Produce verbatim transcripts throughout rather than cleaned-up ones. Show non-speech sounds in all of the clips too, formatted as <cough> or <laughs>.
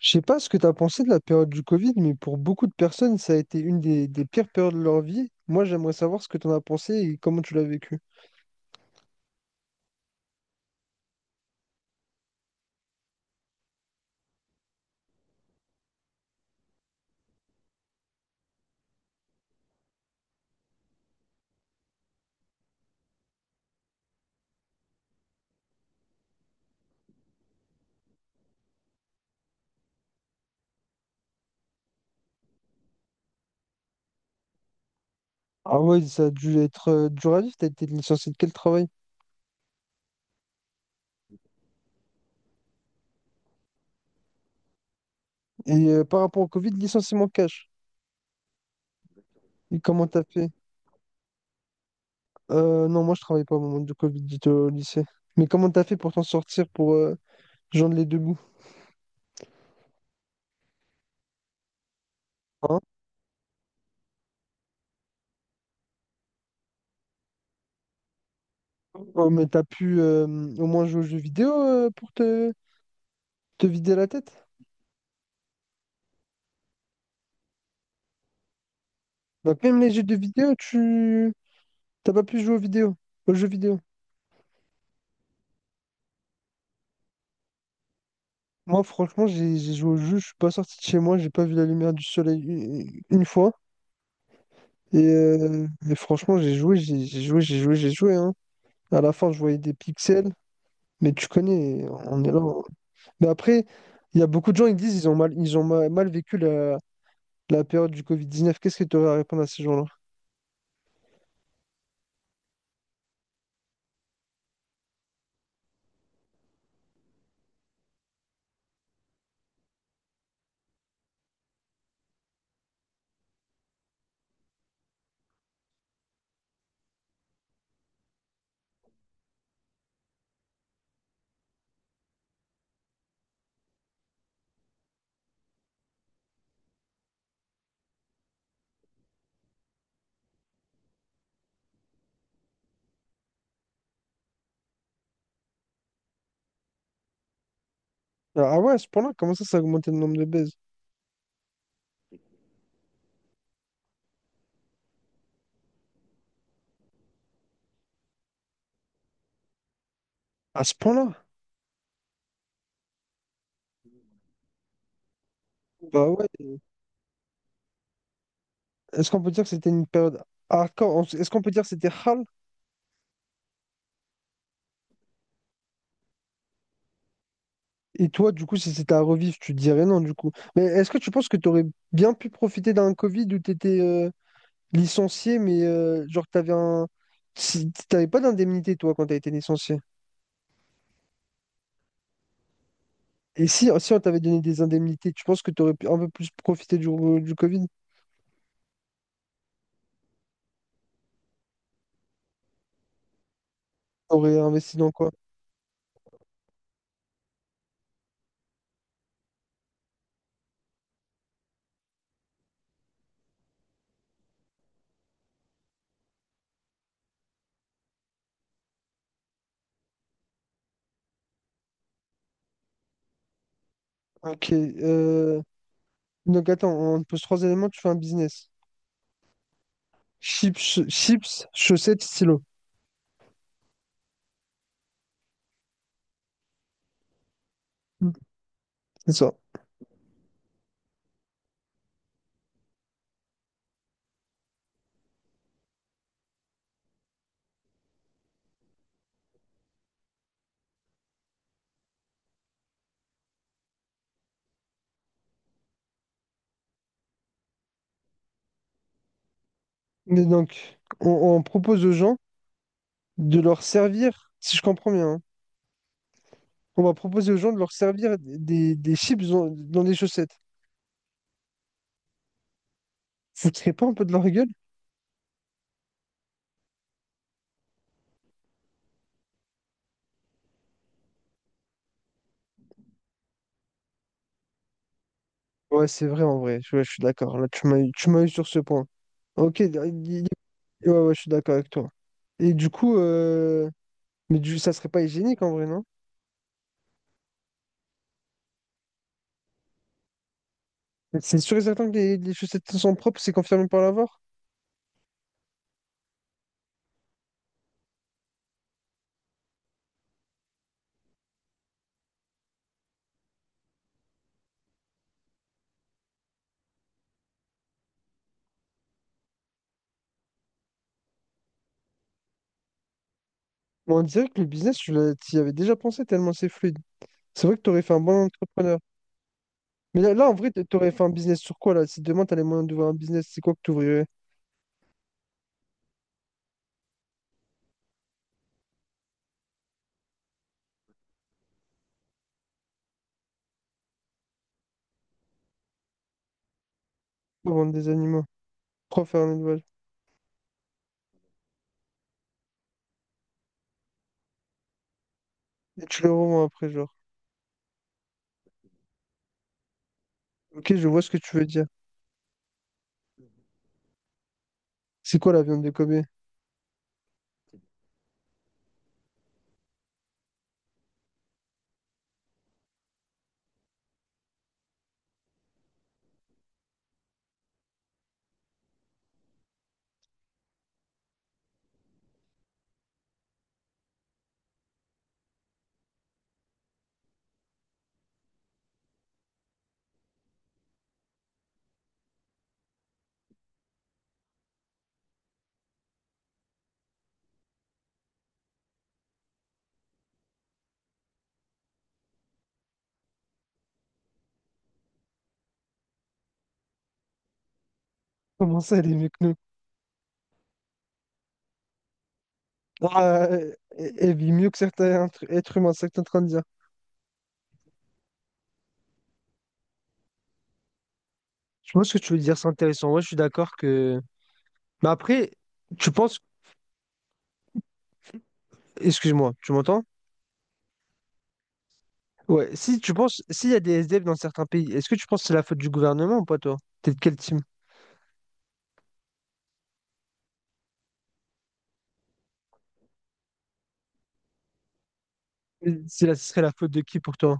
Je sais pas ce que tu as pensé de la période du Covid, mais pour beaucoup de personnes, ça a été une des, des pires périodes de leur vie. Moi, j'aimerais savoir ce que tu en as pensé et comment tu l'as vécu. Ah ouais, ça a dû être euh, dur à vivre. T'as été licencié de quel travail? Et euh, par rapport au Covid, licenciement cash. Et comment t'as fait? Euh, non, moi, je travaillais pas au moment du Covid, j'étais au lycée. Mais comment t'as fait pour t'en sortir, pour euh, joindre les deux bouts? Hein. Oh, mais t'as pu euh, au moins jouer aux jeux vidéo euh, pour te, te vider la tête? Donc même les jeux de vidéo, tu t'as pas pu jouer aux vidéos, aux jeux vidéo. Moi, franchement, j'ai j'ai joué au jeu, je suis pas sorti de chez moi, j'ai pas vu la lumière du soleil une, une fois. Et, euh, et franchement, j'ai joué, j'ai j'ai joué, j'ai joué, j'ai joué, hein. À la fin, je voyais des pixels, mais tu connais, on est là. Mais après, il y a beaucoup de gens qui disent ils ont mal, ils ont ma- mal vécu la, la période du Covid dix-neuf. Qu'est-ce que tu aurais à répondre à ces gens-là? Ah ah ouais, à ce point-là, comment ça, ça a augmenté le nombre de baises? À ce point-là? Bah ouais. Est-ce qu'on peut dire que c'était une période hardcore? Est-ce qu'on peut dire que c'était hard? Et toi, du coup, si c'était à revivre, tu dirais non, du coup. Mais est-ce que tu penses que tu aurais bien pu profiter d'un Covid où tu étais licencié, mais euh, genre, t'avais un... si- t'avais pas d'indemnité, toi, quand tu as été licencié? Et si, si on t'avait donné des indemnités, tu penses que tu aurais pu un peu plus profiter du, euh, du Covid? T'aurais investi dans quoi? Ok, euh, donc, attends, on te pose trois éléments, tu fais un business. Chips, chips, chaussettes, stylo. Mm. C'est ça. Mais donc, on, on propose aux gens de leur servir, si je comprends bien, hein, on va proposer aux gens de leur servir des, des chips dans, dans des chaussettes. Vous ne tirez pas un peu de leur gueule? Ouais, c'est vrai en vrai. Ouais, je suis d'accord. Là, tu m'as eu, tu m'as eu sur ce point. Ok, il- il- ouais, ouais, je suis d'accord avec toi. Et du coup, euh, mais du, ça serait pas hygiénique en vrai, non? C'est sûr et certain que les, les chaussettes sont propres, c'est confirmé par l'avoir. Bon, on dirait que le business, tu l'as- t'y avais déjà pensé tellement c'est fluide. C'est vrai que tu aurais fait un bon entrepreneur. Mais là, là en vrai, tu aurais fait un business sur quoi là? Si demain tu as les moyens d'ouvrir un business, c'est quoi que tu ouvrirais? Pour vendre des animaux, pour faire un élevage. Et tu les revends après, genre. Ok, je vois ce que tu veux dire. C'est quoi la viande de Kobe? Comment ça, elle est mieux que nous? Ah, euh, elle elle vit mieux que certains êtres êtres humains, c'est ce que t'es en train de dire. Je pense que tu veux dire, c'est intéressant. Ouais, je suis d'accord que. Mais après, tu penses. Excuse-moi, tu m'entends? Ouais, si tu penses, s'il y a des S D F dans certains pays, est-ce que tu penses que c'est la faute du gouvernement ou pas, toi? T'es de quel team? C'est la- ce serait la faute de qui pour toi?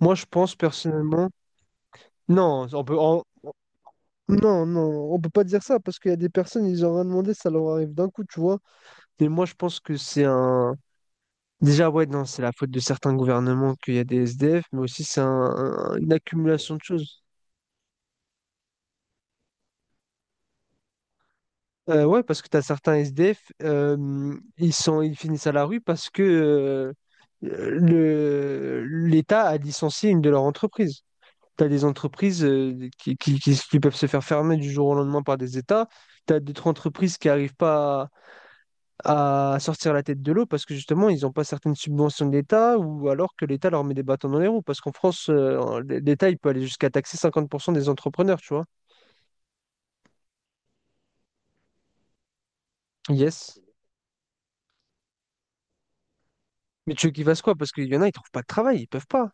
Moi, je pense personnellement. Non, on peut, on- non, non, on peut pas dire ça parce qu'il y a des personnes, ils ont rien demandé, ça leur arrive d'un coup, tu vois. Mais moi, je pense que c'est un. Déjà, ouais, non, c'est la faute de certains gouvernements qu'il y a des S D F, mais aussi c'est un- un- une accumulation de choses. Euh, ouais, parce que tu as certains S D F, euh, ils sont, ils finissent à la rue parce que euh, le, l'État a licencié une de leurs entreprises. Tu as des entreprises euh, qui, qui, qui- qui peuvent se faire fermer du jour au lendemain par des États. Tu as d'autres entreprises qui n'arrivent pas à, à sortir la tête de l'eau parce que justement, ils n'ont pas certaines subventions de l'État ou alors que l'État leur met des bâtons dans les roues. Parce qu'en France, euh, l'État, il peut aller jusqu'à taxer cinquante pour cent des entrepreneurs, tu vois. Yes. Mais tu veux qu'ils fassent quoi? Parce qu'il y en a, ils trouvent pas de travail, ils peuvent pas.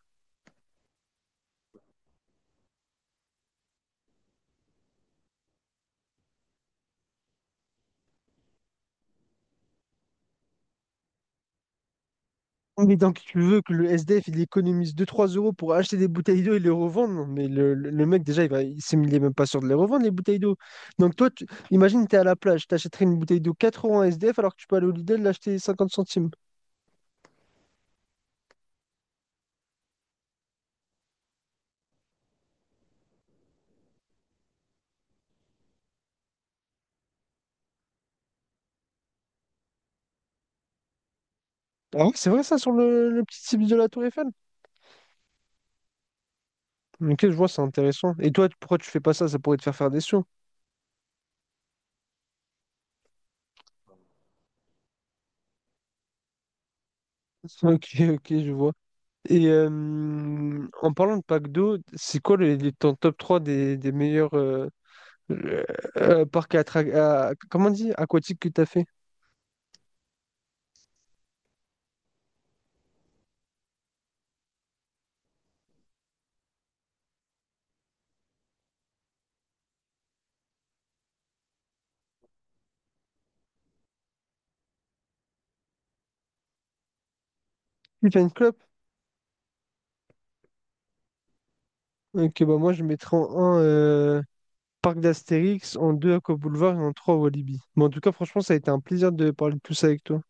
Mais donc tu veux que le S D F il économise deux trois euros pour acheter des bouteilles d'eau et les revendre? Non, mais le, le- le mec déjà il va, il s'est- il est même pas sûr de les revendre les bouteilles d'eau. Donc toi, tu, imagine t'es à la plage, t'achèterais une bouteille d'eau quatre euros en S D F alors que tu peux aller au Lidl l'acheter cinquante centimes. Ah ouais, c'est vrai ça sur le, le petit site de la Tour Eiffel? Ok, je vois, c'est intéressant. Et toi, tu- pourquoi tu fais pas ça? Ça pourrait te faire faire des sous. <laughs> Ok, ok, je vois. Et euh, en parlant de pack d'eau, c'est quoi le, les- ton top trois des, des meilleurs euh, Euh, euh, parc à, tra- à- comment on dit? Aquatique que t'as fait. Weekend Club. Ok, bah moi je mettrais en un euh, Parc d'Astérix, en deux Aqua Boulevard et en trois Walibi. Mais en tout cas, franchement, ça a été un plaisir de parler de tout ça avec toi.